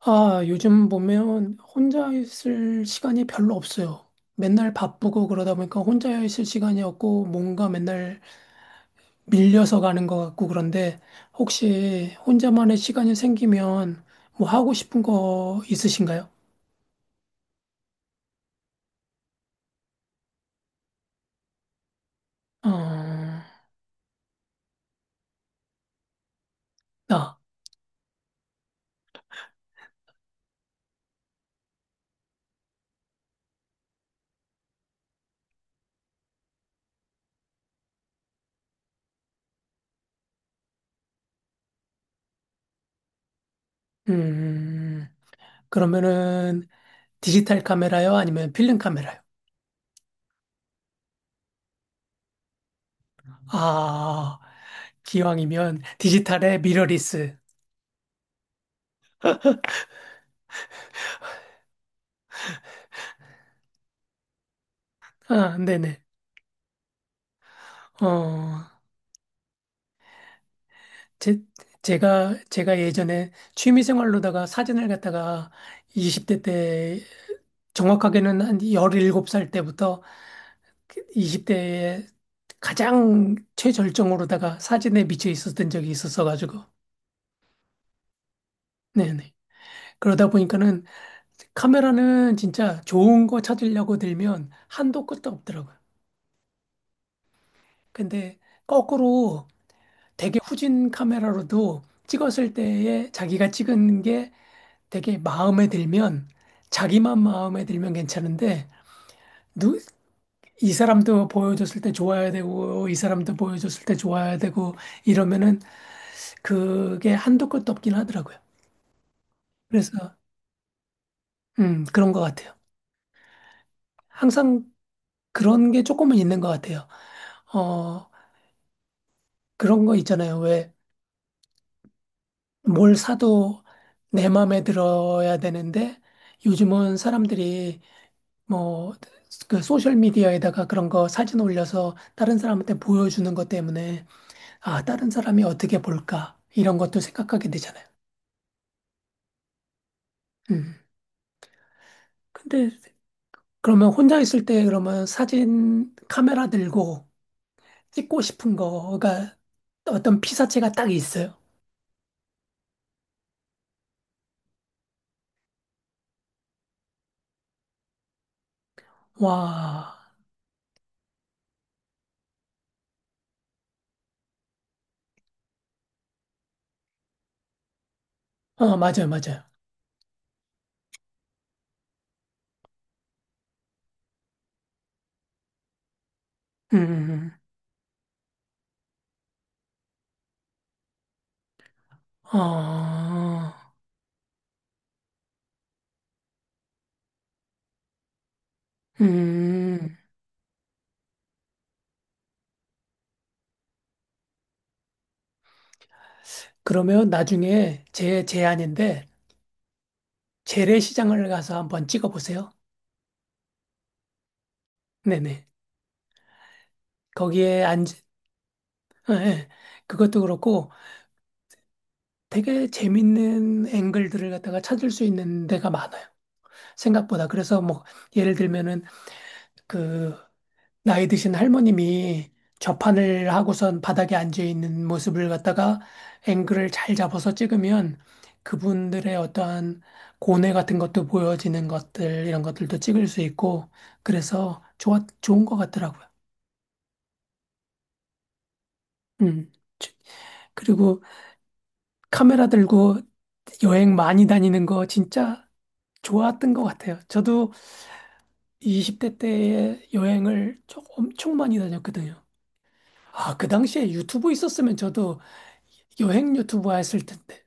아, 요즘 보면 혼자 있을 시간이 별로 없어요. 맨날 바쁘고 그러다 보니까 혼자 있을 시간이 없고 뭔가 맨날 밀려서 가는 것 같고 그런데 혹시 혼자만의 시간이 생기면 뭐 하고 싶은 거 있으신가요? 어, 나, 음, 그러면은 디지털 카메라요? 아니면 필름 카메라요? 아, 기왕이면 디지털의 미러리스. 아, 네네. 어, 제, 제가 예전에 취미생활로다가 사진을 갖다가 20대 때, 정확하게는 한 17살 때부터 20대에 가장 최절정으로다가 사진에 미쳐 있었던 적이 있었어가지고. 네네. 그러다 보니까는 카메라는 진짜 좋은 거 찾으려고 들면 한도 끝도 없더라고요. 근데 거꾸로 되게 후진 카메라로도 찍었을 때에 자기가 찍은 게 되게 마음에 들면 자기만 마음에 들면 괜찮은데 누, 이 사람도 보여줬을 때 좋아야 되고 이 사람도 보여줬을 때 좋아야 되고 이러면은 그게 한도 끝도 없긴 하더라고요. 그래서 그런 것 같아요. 항상 그런 게 조금은 있는 것 같아요. 어 그런 거 있잖아요. 뭘 사도 내 마음에 들어야 되는데 요즘은 사람들이 뭐 그 소셜 미디어에다가 그런 거 사진 올려서 다른 사람한테 보여주는 것 때문에 아, 다른 사람이 어떻게 볼까? 이런 것도 생각하게 되잖아요. 음. 근데 그러면 혼자 있을 때 그러면 사진 카메라 들고 찍고 싶은 거가 어떤 피사체가 딱 있어요. 와. 어, 맞아요, 맞아요. 음. 어. 음. 그러면 나중에 제 제안인데 재래시장을 가서 한번 찍어보세요. 네네. 거기에 안, 예, 예. 그것도 그렇고 되게 재밌는 앵글들을 갖다가 찾을 수 있는 데가 많아요. 생각보다. 그래서 뭐 예를 들면은 그 나이 드신 할머님이 좌판을 하고선 바닥에 앉아 있는 모습을 갖다가 앵글을 잘 잡아서 찍으면 그분들의 어떠한 고뇌 같은 것도 보여지는 것들, 이런 것들도 찍을 수 있고, 그래서 좋은 것 같더라고요. 음. 저- 그리고 카메라 들고 여행 많이 다니는 거 진짜 좋았던 것 같아요. 저도 20대 때 여행을 좀 엄청 많이 다녔거든요. 아, 그 당시에 유튜브 있었으면 저도 여행 유튜브 했을 텐데.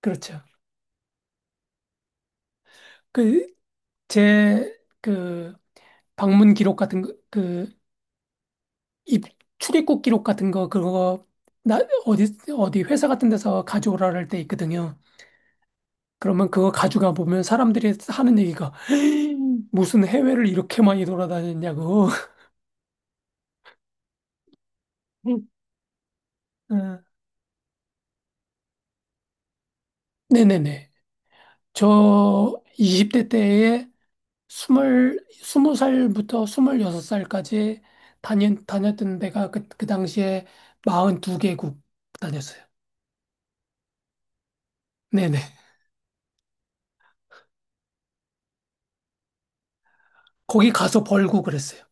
그렇죠. 그, 제, 그, 방문 기록 같은 거, 그, 입, 출입국 기록 같은 거, 그거, 나, 어디, 어디 회사 같은 데서 가져오라 할 때 있거든요. 그러면 그거 가져가 보면 사람들이 하는 얘기가, 무슨 해외를 이렇게 많이 돌아다녔냐고. 어, 네네네. 저 20대 때에 스무 살부터 스물여섯 살까지 다녔던 데가 그, 그 당시에 42개국 다녔어요. 네네. 거기 가서 벌고 그랬어요.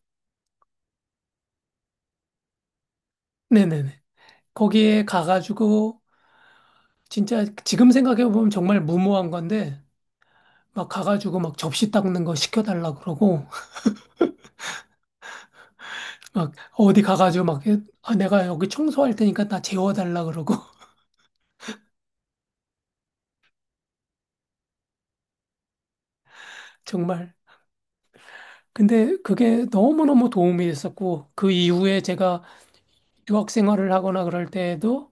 네네네. 거기에 가가지고, 진짜 지금 생각해보면 정말 무모한 건데, 막 가가지고 막 접시 닦는 거 시켜달라 그러고, 막 어디 가가지고 막, 아, 내가 여기 청소할 테니까 나 재워달라 그러고, 정말. 근데 그게 너무너무 도움이 됐었고, 그 이후에 제가 유학 생활을 하거나 그럴 때에도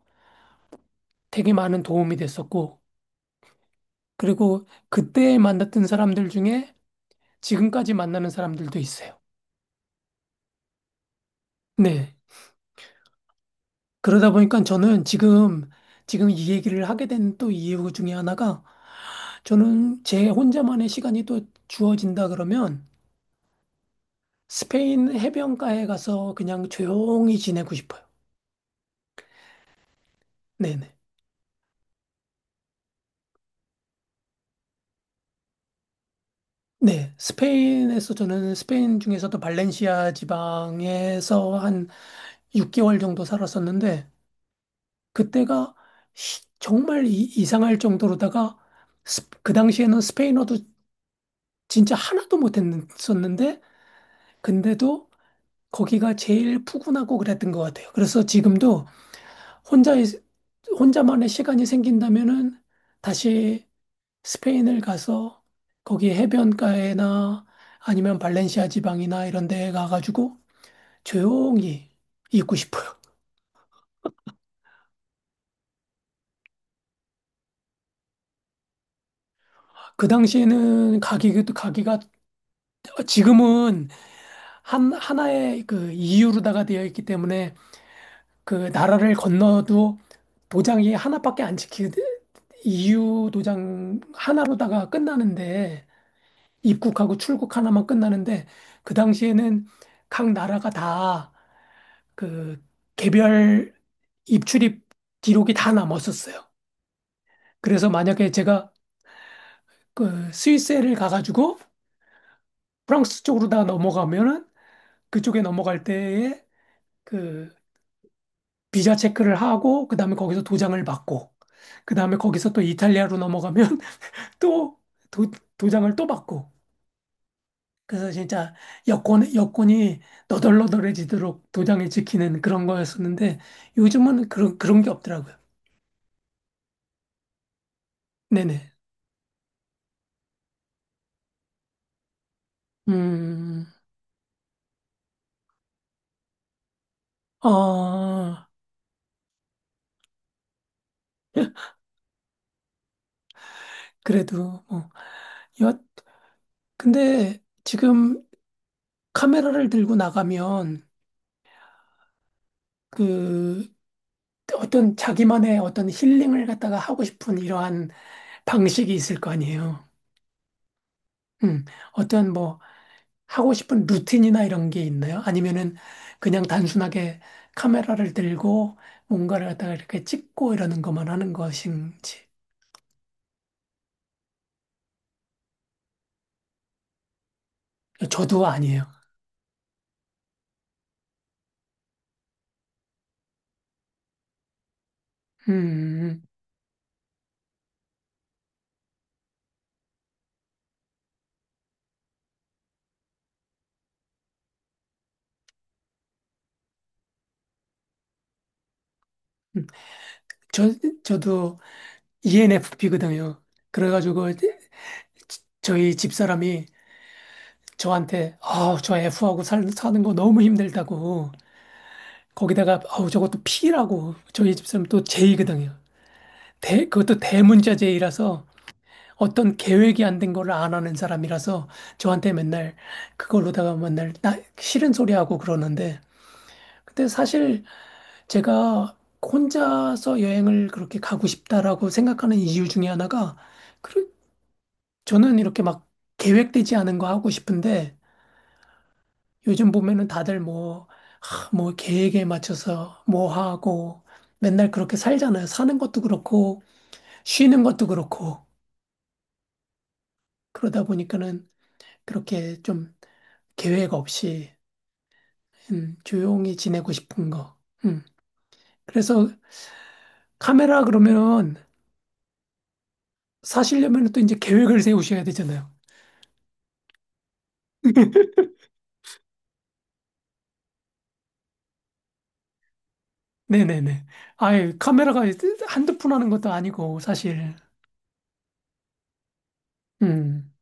되게 많은 도움이 됐었고, 그리고 그때 만났던 사람들 중에 지금까지 만나는 사람들도 있어요. 네. 그러다 보니까 저는 지금 이 얘기를 하게 된 또 이유 중에 하나가 저는 제 혼자만의 시간이 또 주어진다 그러면 스페인 해변가에 가서 그냥 조용히 지내고 싶어요. 네네. 네. 스페인에서 저는 스페인 중에서도 발렌시아 지방에서 한 6개월 정도 살았었는데 그때가 정말 이상할 정도로다가 그 당시에는 스페인어도 진짜 하나도 못했었는데 근데도 거기가 제일 푸근하고 그랬던 것 같아요. 그래서 지금도 혼자 혼자만의 시간이 생긴다면은 다시 스페인을 가서 거기 해변가에나 아니면 발렌시아 지방이나 이런 데 가가지고 조용히 있고 싶어요. 그 당시에는 가기도 가기가 지금은 하나의 그 이유로다가 되어 있기 때문에 그 나라를 건너도 도장이 하나밖에 안 찍히, 이유 도장 하나로다가 끝나는데 입국하고 출국 하나만 끝나는데 그 당시에는 각 나라가 다 그 개별 입출입 기록이 다 남았었어요. 그래서 만약에 제가 그 스위스를 가가지고 프랑스 쪽으로다 넘어가면은 그쪽에 넘어갈 때에 그 비자 체크를 하고 그다음에 거기서 도장을 받고 그다음에 거기서 또 이탈리아로 넘어가면 또 도, 도장을 또 받고 그래서 진짜 여권이 너덜너덜해지도록 도장을 지키는 그런 거였었는데 요즘은 그런 게 없더라고요. 네네. 음. 어, 그래도 뭐 여, 근데 지금 카메라를 들고 나가면 그 어떤 자기만의 어떤 힐링을 갖다가 하고 싶은 이러한 방식이 있을 거 아니에요. 음, 어떤 뭐 하고 싶은 루틴이나 이런 게 있나요? 아니면은 그냥 단순하게 카메라를 들고 뭔가를 갖다가 이렇게 찍고 이러는 것만 하는 것인지. 저도 아니에요. 음, 음. 음. 저, 저도 ENFP거든요. 그래가지고 이제 저희 집사람이 저한테, 아, 저 F하고 사는 거 너무 힘들다고. 거기다가, 아우, 저것도 P라고. 저희 집사람 또 J거든요. 그것도 대문자 J라서 어떤 계획이 안 된 거를 안 하는 사람이라서 저한테 맨날 그걸로다가 맨날 나 싫은 소리 하고 그러는데 근데 사실 제가 혼자서 여행을 그렇게 가고 싶다라고 생각하는 이유 중에 하나가 그 저는 이렇게 막 계획되지 않은 거 하고 싶은데 요즘 보면은 다들 뭐, 하, 뭐 계획에 맞춰서 뭐 하고 맨날 그렇게 살잖아요. 사는 것도 그렇고 쉬는 것도 그렇고 그러다 보니까는 그렇게 좀 계획 없이 조용히 지내고 싶은 거. 음. 그래서 카메라 그러면 사시려면 또 이제 계획을 세우셔야 되잖아요. 네네네. 아예 카메라가 한두 푼 하는 것도 아니고, 사실. 음,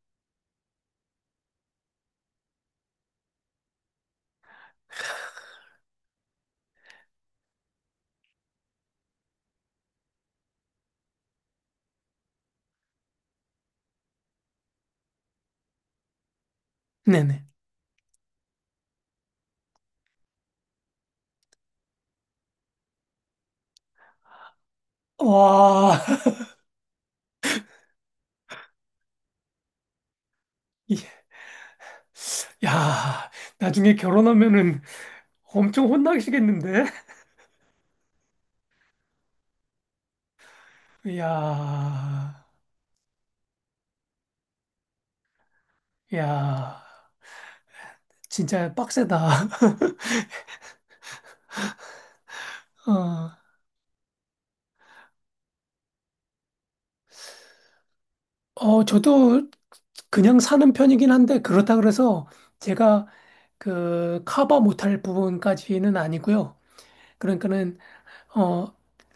네네. 와, 이- 야, 나중에 결혼하면은 엄청 혼나시겠는데? 야, 야, 진짜 빡세다. 어, 어, 저도 그냥 사는 편이긴 한데 그렇다 그래서 제가 그 커버 못할 부분까지는 아니고요. 그러니까는 어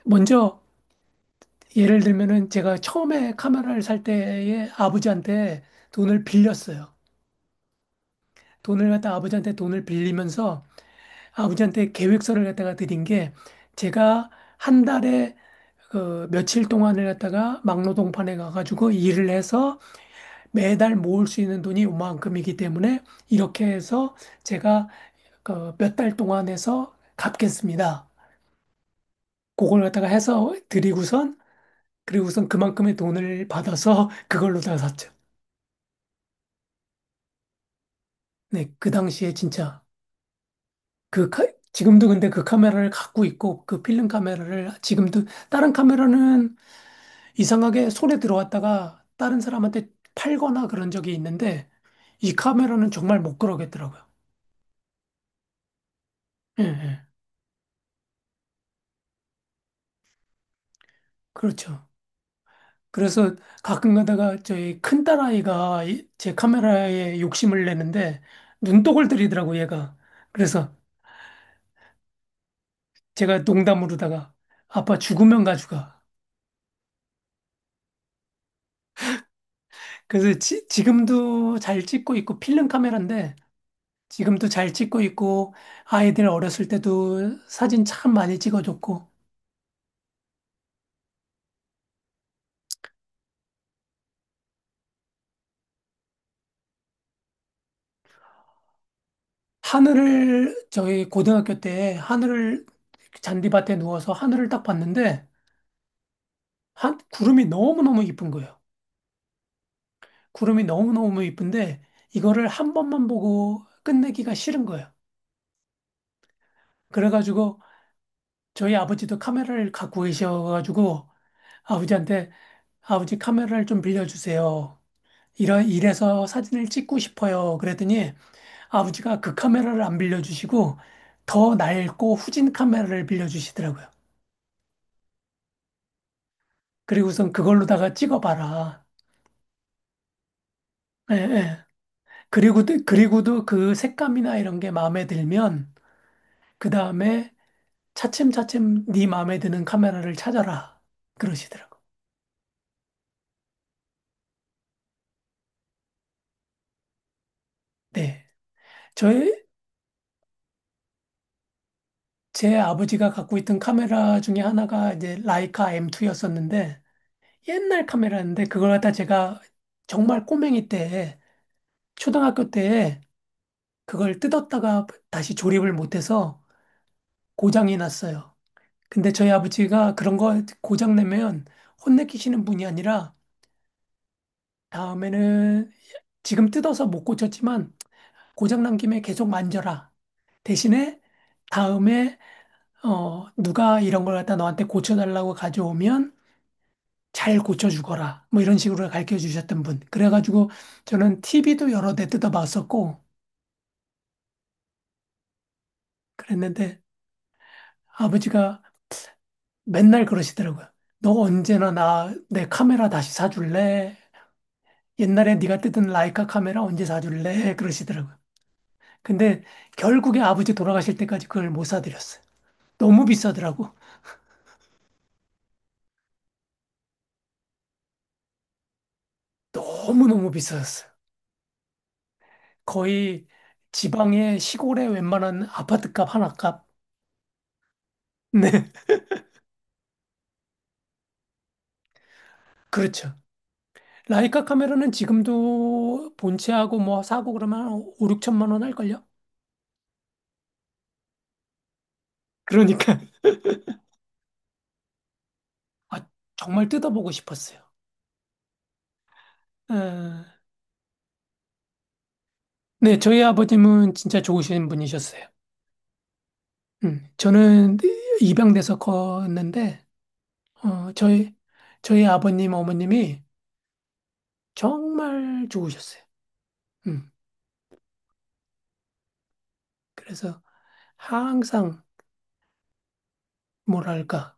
먼저 예를 들면은 제가 처음에 카메라를 살 때에 아버지한테 돈을 빌렸어요. 돈을 갖다 아버지한테 돈을 빌리면서 아버지한테 계획서를 갖다가 드린 게 제가 한 달에 그 며칠 동안을 갖다가 막노동판에 가가지고 일을 해서 매달 모을 수 있는 돈이 요만큼이기 때문에 이렇게 해서 제가 그 몇 달 동안 해서 갚겠습니다. 그걸 갖다가 해서 드리고선 그리고선 그만큼의 돈을 받아서 그걸로 다 샀죠. 네, 그 당시에 진짜 그 카- 지금도 근데 그 카메라를 갖고 있고 그 필름 카메라를 지금도 다른 카메라는 이상하게 손에 들어왔다가 다른 사람한테 팔거나 그런 적이 있는데 이 카메라는 정말 못 그러겠더라고요. 예, 예. 그렇죠. 그래서 가끔 가다가 저희 큰딸아이가 제 카메라에 욕심을 내는데 눈독을 들이더라고 얘가. 그래서 제가 농담으로다가 아빠 죽으면 가져가. 그래서 지금도 잘 찍고 있고 필름 카메라인데 지금도 잘 찍고 있고 아이들 어렸을 때도 사진 참 많이 찍어줬고 하늘을 저희 고등학교 때 하늘을 잔디밭에 누워서 하늘을 딱 봤는데 한 구름이 너무너무 이쁜 거예요. 구름이 너무너무 이쁜데 이거를 한 번만 보고 끝내기가 싫은 거예요. 그래가지고 저희 아버지도 카메라를 갖고 계셔가지고 아버지한테 아버지 카메라를 좀 빌려주세요. 이래서 사진을 찍고 싶어요. 그랬더니 아버지가 그 카메라를 안 빌려주시고 더 낡고 후진 카메라를 빌려주시더라고요. 그리고선 그걸로다가 찍어봐라. 예, 예. 그리고도 그 색감이나 이런 게 마음에 들면 그 다음에 차츰차츰 네 마음에 드는 카메라를 찾아라. 그러시더라고. 네. 저의, 제 아버지가 갖고 있던 카메라 중에 하나가 이제 라이카 M2였었는데 옛날 카메라였는데 그걸 갖다 제가 정말 꼬맹이 때, 초등학교 때 그걸 뜯었다가 다시 조립을 못해서 고장이 났어요. 근데 저희 아버지가 그런 거 고장 내면 혼내키시는 분이 아니라 다음에는 지금 뜯어서 못 고쳤지만 고장 난 김에 계속 만져라. 대신에 다음에 어 누가 이런 걸 갖다 너한테 고쳐달라고 가져오면 잘 고쳐주거라. 뭐 이런 식으로 가르쳐 주셨던 분. 그래가지고 저는 TV도 여러 대 뜯어봤었고 그랬는데 아버지가 맨날 그러시더라고요. 너 언제나 나 내 카메라 다시 사줄래? 옛날에 네가 뜯은 라이카 카메라 언제 사줄래? 그러시더라고요. 근데 결국에 아버지 돌아가실 때까지 그걸 못 사드렸어요. 너무 비싸더라고. 너무너무 비싸졌어요. 거의 지방의 시골의 웬만한 아파트값 하나 값. 네, 그렇죠. 라이카 카메라는 지금도 본체하고 뭐 사고 그러면 한 5, 6천만 원 할걸요? 그러니까. 아, 정말 뜯어보고 싶었어요. 어, 네, 저희 아버님은 진짜 좋으신 분이셨어요. 저는 입양돼서 컸는데, 어, 저희 아버님, 어머님이 정말 좋으셨어요. 음, 그래서 항상, 뭐랄까,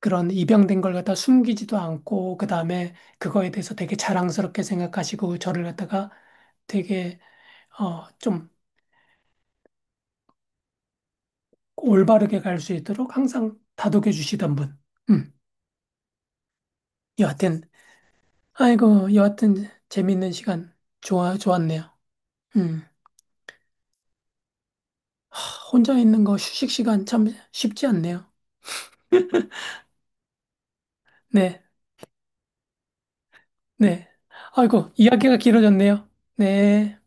그런 입양된 걸 갖다 숨기지도 않고 그다음에 그거에 대해서 되게 자랑스럽게 생각하시고 저를 갖다가 되게 좀 올바르게 갈 수 있도록 항상 다독여 주시던 분. 음. 여하튼 아이고 여하튼 재밌는 시간 좋아 좋았네요. 음. 하, 혼자 있는 거 휴식 시간 참 쉽지 않네요. 네. 네. 아이고 이야기가 길어졌네요. 네.